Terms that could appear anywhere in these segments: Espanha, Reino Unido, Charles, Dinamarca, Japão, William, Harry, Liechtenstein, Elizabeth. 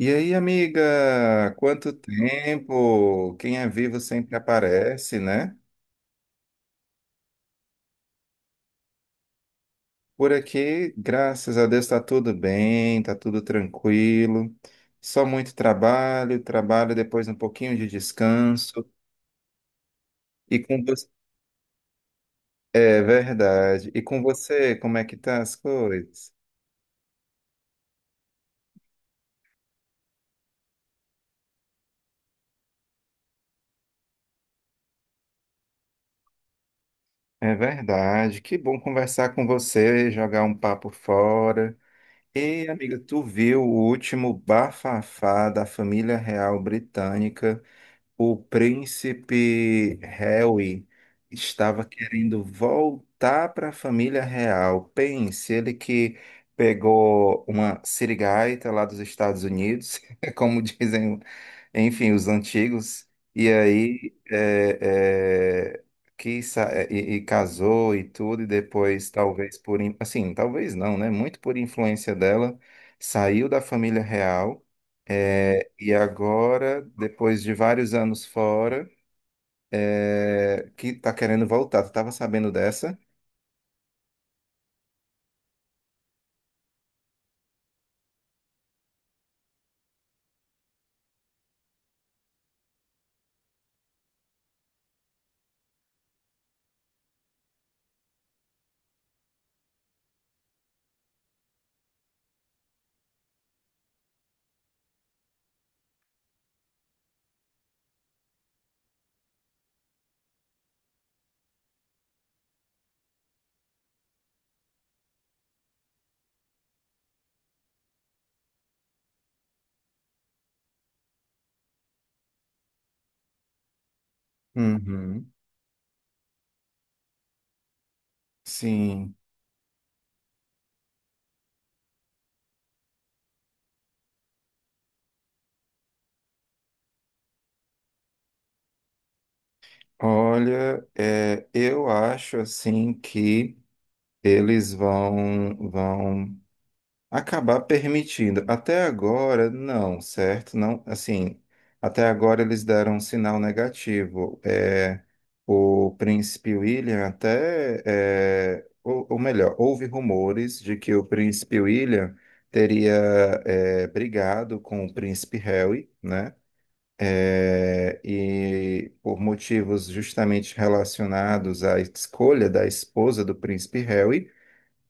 E aí, amiga, quanto tempo? Quem é vivo sempre aparece, né? Por aqui, graças a Deus, tá tudo bem, tá tudo tranquilo. Só muito trabalho, trabalho, depois um pouquinho de descanso. E com você, é verdade. E com você, como é que tá as coisas? É verdade. Que bom conversar com você, jogar um papo fora. Ei, amiga, tu viu o último bafafá da família real britânica? O príncipe Harry estava querendo voltar para a família real. Pense, ele que pegou uma sirigaita lá dos Estados Unidos, como dizem enfim, os antigos, e aí e, casou e tudo, e depois, talvez assim, talvez não, né? Muito por influência dela, saiu da família real, e agora, depois de vários anos fora, que tá querendo voltar. Tu tava sabendo dessa? Uhum. Sim. Olha, eu acho assim que eles vão acabar permitindo. Até agora, não, certo? Não, assim, até agora eles deram um sinal negativo. É, o príncipe William até, ou melhor, houve rumores de que o príncipe William teria, brigado com o príncipe Harry, né? É, e por motivos justamente relacionados à escolha da esposa do príncipe Harry,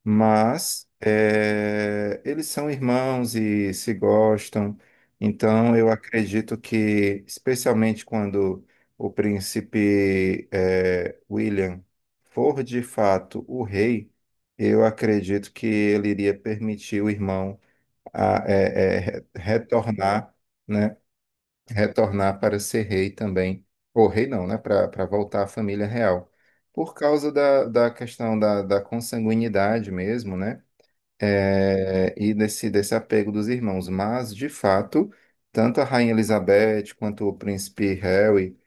mas eles são irmãos e se gostam, então eu acredito que, especialmente quando o príncipe William for de fato o rei, eu acredito que ele iria permitir o irmão a, eh, eh, re- retornar, né, retornar para ser rei também, ou rei não, né, para voltar à família real. Por causa da, da questão da, da consanguinidade mesmo, né? é, e desse, desse apego dos irmãos. Mas, de fato, tanto a Rainha Elizabeth quanto o príncipe Harry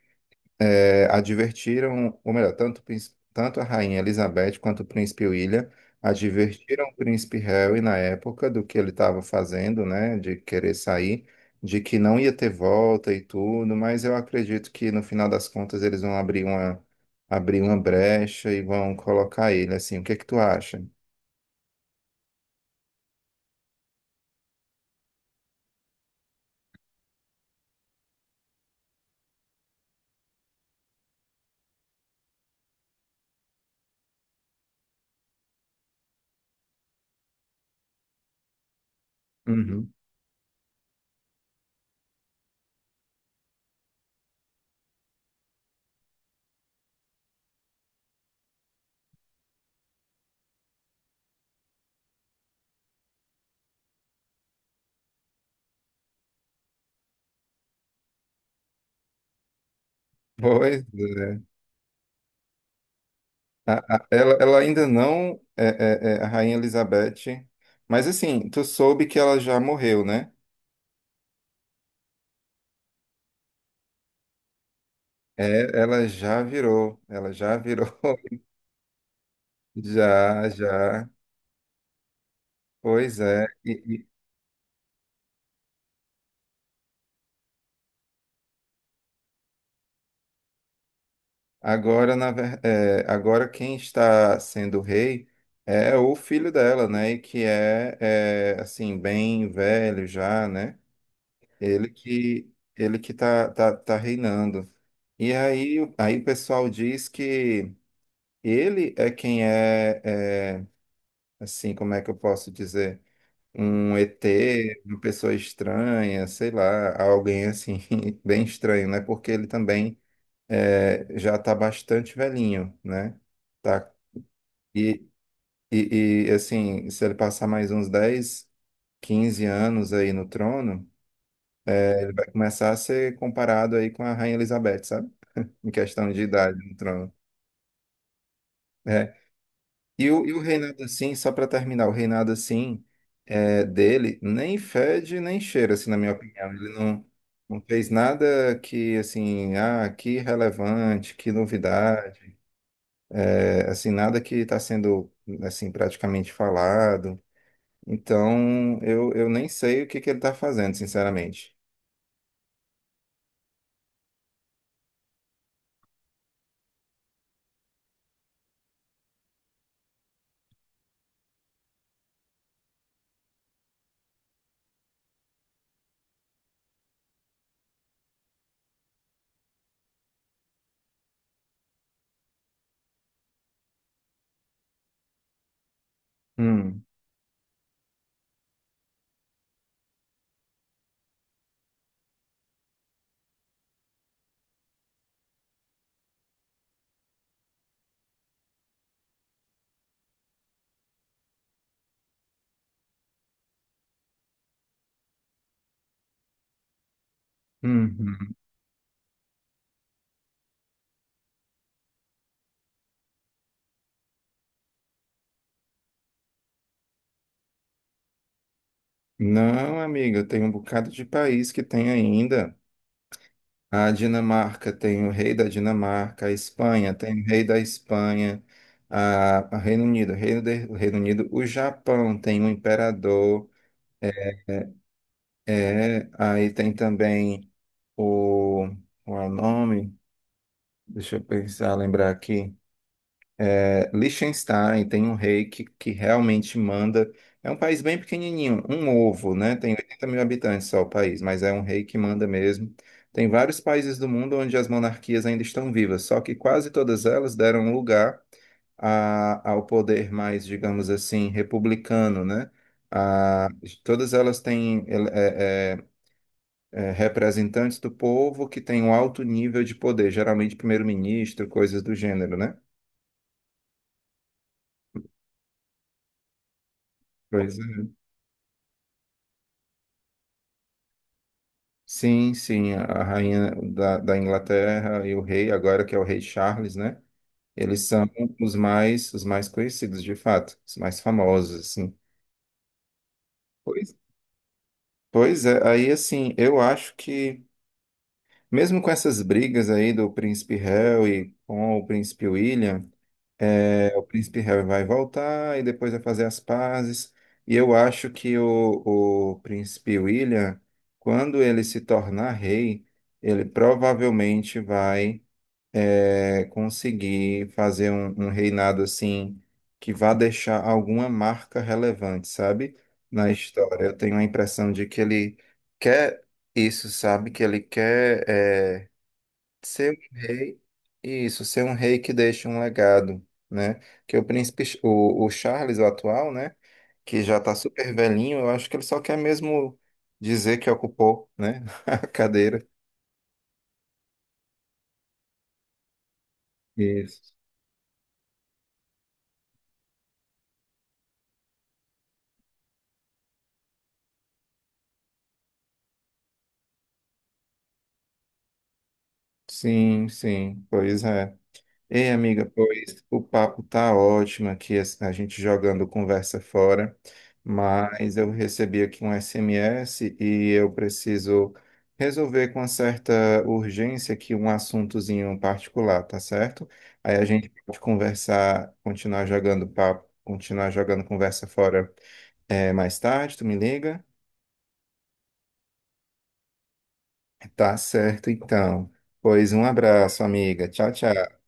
advertiram, ou melhor, tanto a Rainha Elizabeth quanto o príncipe William advertiram o príncipe Harry na época do que ele estava fazendo, né, de querer sair, de que não ia ter volta e tudo, mas eu acredito que no final das contas eles vão abrir uma brecha e vão colocar ele assim. O que é que tu acha? Uhum. Pois é. Ela ainda não é, é a Rainha Elizabeth, mas assim, tu soube que ela já morreu, né? É, ela já virou, já, já. Pois é. E agora, agora quem está sendo rei é o filho dela, né? E que é, é assim, bem velho já, né? Ele que tá, tá reinando. E aí, aí o pessoal diz que ele é quem assim, como é que eu posso dizer? Um ET, uma pessoa estranha, sei lá, alguém assim, bem estranho, né? Porque ele também já está bastante velhinho, né? Tá? E, assim, se ele passar mais uns 10, 15 anos aí no trono, ele vai começar a ser comparado aí com a Rainha Elizabeth, sabe? Em questão de idade no trono. É. E o reinado assim, só para terminar, o reinado assim dele nem fede nem cheira, assim, na minha opinião. Ele não, não fez nada que, assim, ah, que relevante, que novidade, assim, nada que está sendo, assim, praticamente falado. Então, eu nem sei o que que ele está fazendo, sinceramente. Hum, uhum. Não, amiga, tem um bocado de país que tem ainda. A Dinamarca tem o rei da Dinamarca, a Espanha tem o rei da Espanha, a Reino Unido, o Reino Unido, o Japão tem um imperador, é, aí tem também o, qual é o nome? Deixa eu pensar, lembrar aqui. É, Liechtenstein tem um rei que realmente manda. É um país bem pequenininho, um ovo, né? Tem 80 mil habitantes só o país, mas é um rei que manda mesmo. Tem vários países do mundo onde as monarquias ainda estão vivas, só que quase todas elas deram lugar ao poder mais, digamos assim, republicano, né? A- todas elas têm ele- é- é- é, Representantes do povo que têm um alto nível de poder, geralmente primeiro-ministro, coisas do gênero, né? Pois é. Sim, sim, a rainha da, da Inglaterra e o rei, agora que é o rei Charles, né? Eles são os mais conhecidos, de fato, os mais famosos, assim. Pois, pois é, aí assim, eu acho que mesmo com essas brigas aí do príncipe Harry e com o príncipe William, é, o príncipe Harry vai voltar e depois vai fazer as pazes. E eu acho que o príncipe William, quando ele se tornar rei, ele provavelmente vai conseguir fazer um reinado assim que vá deixar alguma marca relevante, sabe? Na história. Eu tenho a impressão de que ele quer isso, sabe? Que ele quer ser um rei, isso, ser um rei que deixa um legado, né? Que o o Charles, o atual, né? Que já tá super velhinho, eu acho que ele só quer mesmo dizer que ocupou, né? A cadeira. Isso. Sim, sim, pois é. Ei, amiga, pois o papo tá ótimo aqui, a gente jogando conversa fora, mas eu recebi aqui um SMS e eu preciso resolver com uma certa urgência aqui um assuntozinho particular, tá certo? Aí a gente pode conversar, continuar jogando papo, continuar jogando conversa fora, mais tarde, tu me liga? Tá certo, então. Pois um abraço, amiga. Tchau, tchau.